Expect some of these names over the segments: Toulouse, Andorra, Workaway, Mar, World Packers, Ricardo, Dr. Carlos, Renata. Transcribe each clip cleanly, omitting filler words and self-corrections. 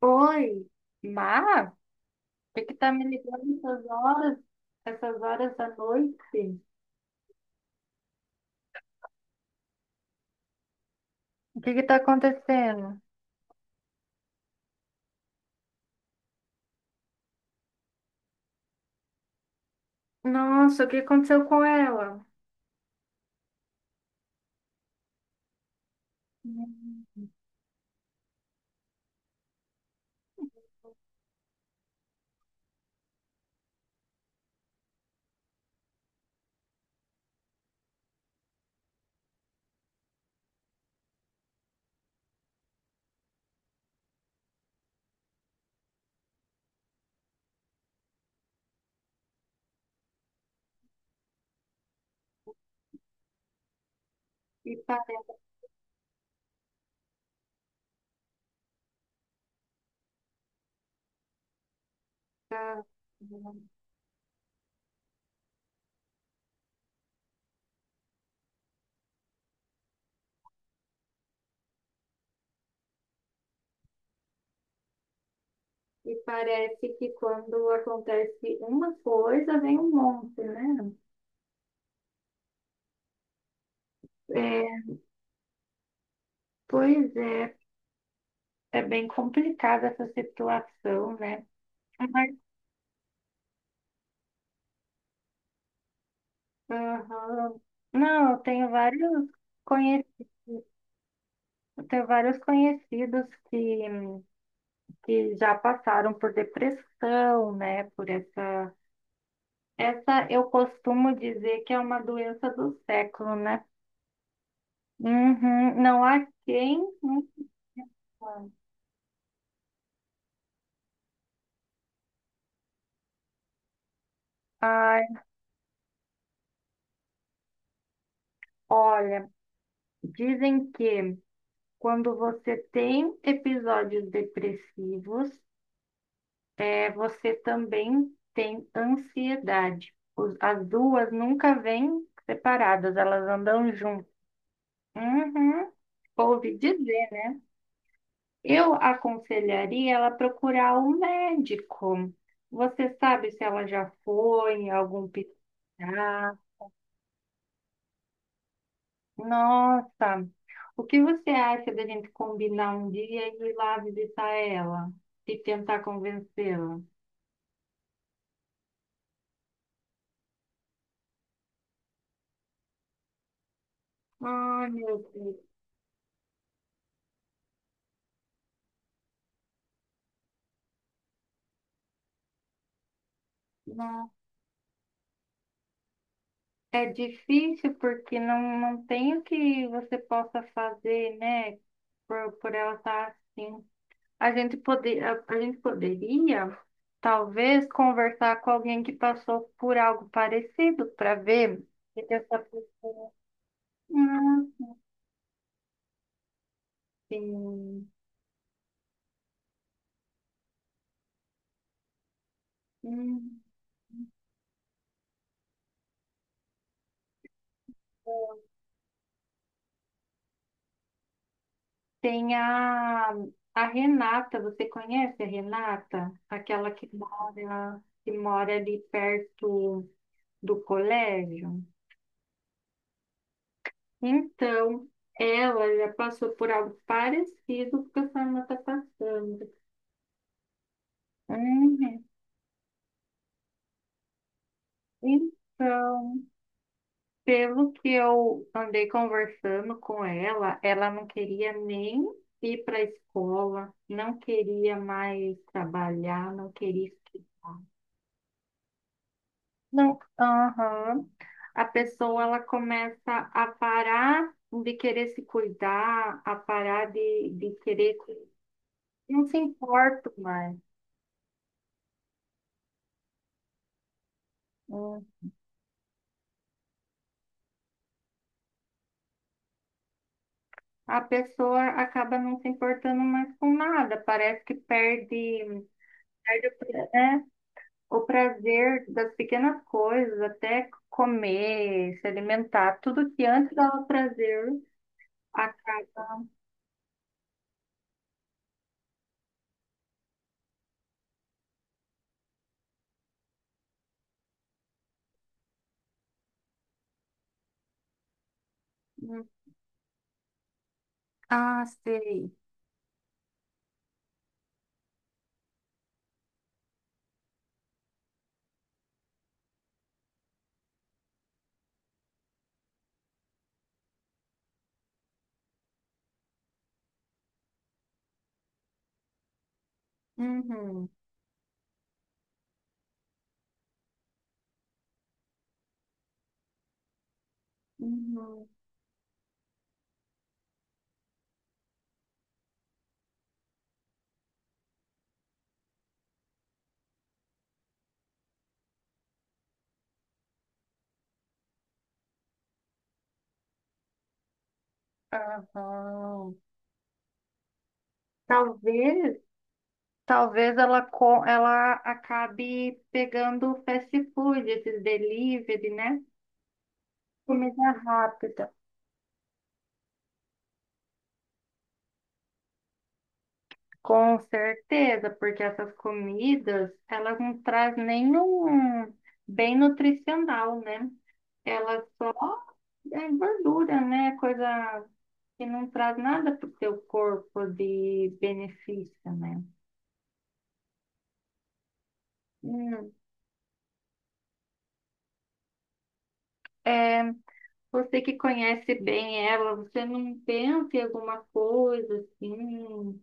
Oi, Mar, por que que tá me ligando essas horas da noite? O que que tá acontecendo? Nossa, o que aconteceu com ela? Hum. E parece, e parece que quando acontece uma coisa, vem um monte, né? É, pois é, é bem complicada essa situação, né? Mas, aham. Não, eu tenho vários conhecidos. Tem vários que já passaram por depressão, né? Por essa. Essa eu costumo dizer que é uma doença do século, né? Uhum, não há quem. Não fale. Ai, olha, dizem que quando você tem episódios depressivos, você também tem ansiedade. As duas nunca vêm separadas, elas andam juntas. Uhum, ouvi dizer. Eu aconselharia ela procurar um médico. Você sabe se ela já foi, em algum psiquiatra? Nossa, o que você acha da gente combinar um dia e ir lá visitar ela e tentar convencê-la? Ai, meu Deus, não. É difícil porque não tem o que você possa fazer, né? Por ela estar assim. A gente poderia, talvez, conversar com alguém que passou por algo parecido para ver se essa pessoa. Hum, hum. Tem a Renata. Você conhece a Renata? Aquela que mora ali perto do colégio? Então, ela já passou por algo parecido que a sua irmã está passando. Uhum. Então, pelo que eu andei conversando com ela, ela não queria nem ir para a escola, não queria mais trabalhar, Não, aham. A pessoa ela começa a parar de querer se cuidar, a parar de querer. Não se importa mais. Hum. A pessoa acaba não se importando mais com nada, parece que perde o prazer das pequenas coisas, até comer, se alimentar, tudo que antes dava prazer, acaba. Hum, Ah, sei. Uhum, uhum, aham. Talvez, talvez ela acabe pegando fast food, esses delivery, né? Comida rápida. Com certeza, porque essas comidas, elas não trazem nenhum bem nutricional, né? Elas só é gordura, né? Coisa que não traz nada para o seu corpo de benefício, né? Hum, é, você que conhece bem ela, você não pensa em alguma coisa assim,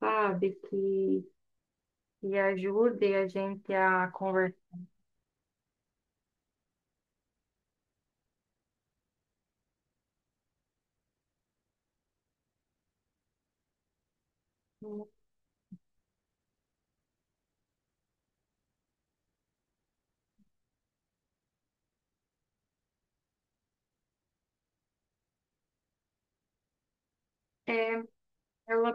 sabe, que ajude a gente a conversar? É, ela.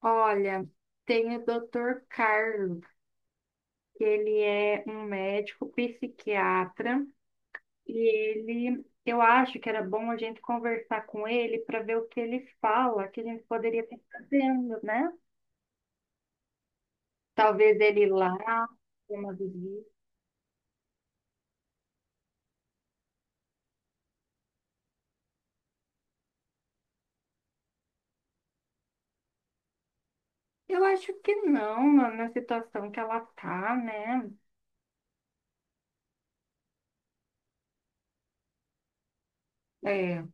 Olha, tem o Dr. Carlos, que ele é um médico psiquiatra, e ele, eu acho que era bom a gente conversar com ele para ver o que ele fala, que a gente poderia estar fazendo, né? Talvez ele ir lá, ter uma visita. Eu acho que não, na situação que ela tá, né? É,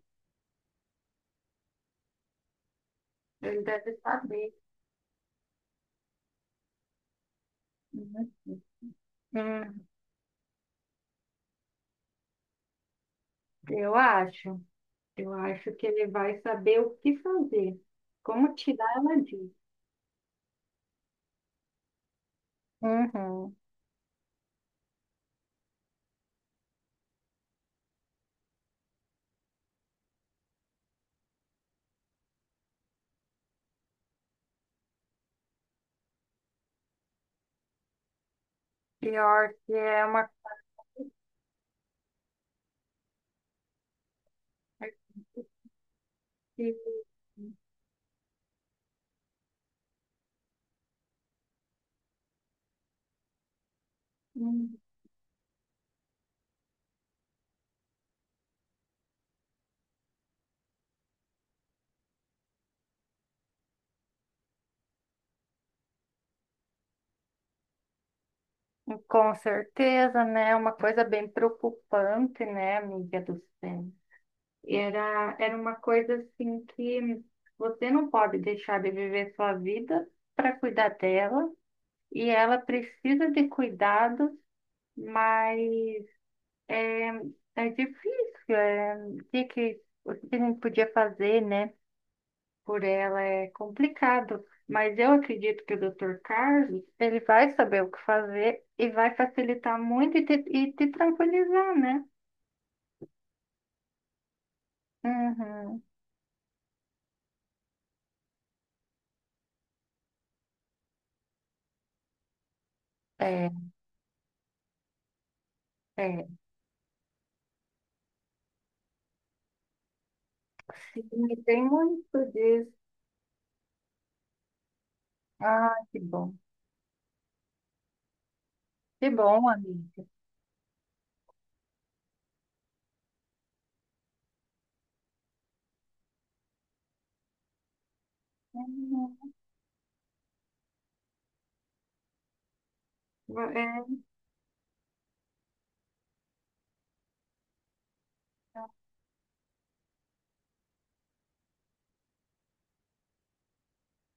ele deve saber. Uhum. Hum, eu acho, eu acho que ele vai saber o que fazer, como tirar ela disso. Uhum. Pior que é uma coisa que, hum, com certeza, né? Uma coisa bem preocupante, né, amiga do céu? Era uma coisa assim que você não pode deixar de viver sua vida para cuidar dela, e ela precisa de cuidados, mas é, é difícil. É, o que que a gente podia fazer, né? Por ela é complicado, mas eu acredito que o Dr. Carlos, ele vai saber o que fazer e vai facilitar muito e te tranquilizar, né? Uhum. É, é. Sim, tem muito disso. Ah, que bom. Que bom, amiga. Uhum. É,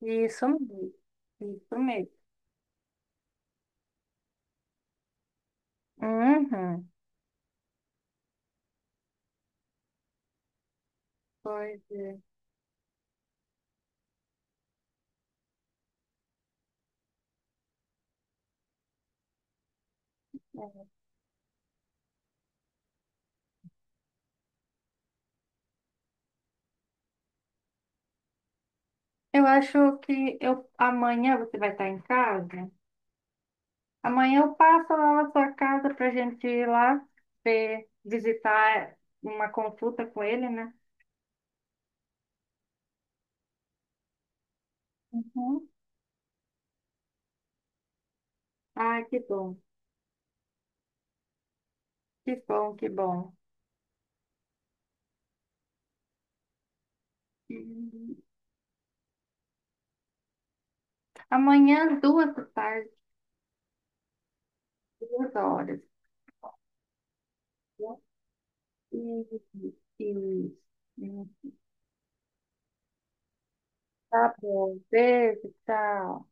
isso mesmo. Isso mesmo. Uhum. Pois é. Eu acho que eu, amanhã você vai estar em casa? Amanhã eu passo lá na sua casa para a gente ir lá visitar uma consulta com ele, né? Uhum. Ai, que bom, que bom, que bom. Hum, Amanhã, duas da tarde, duas horas. E, e, e, tá bom, beijo, tchau.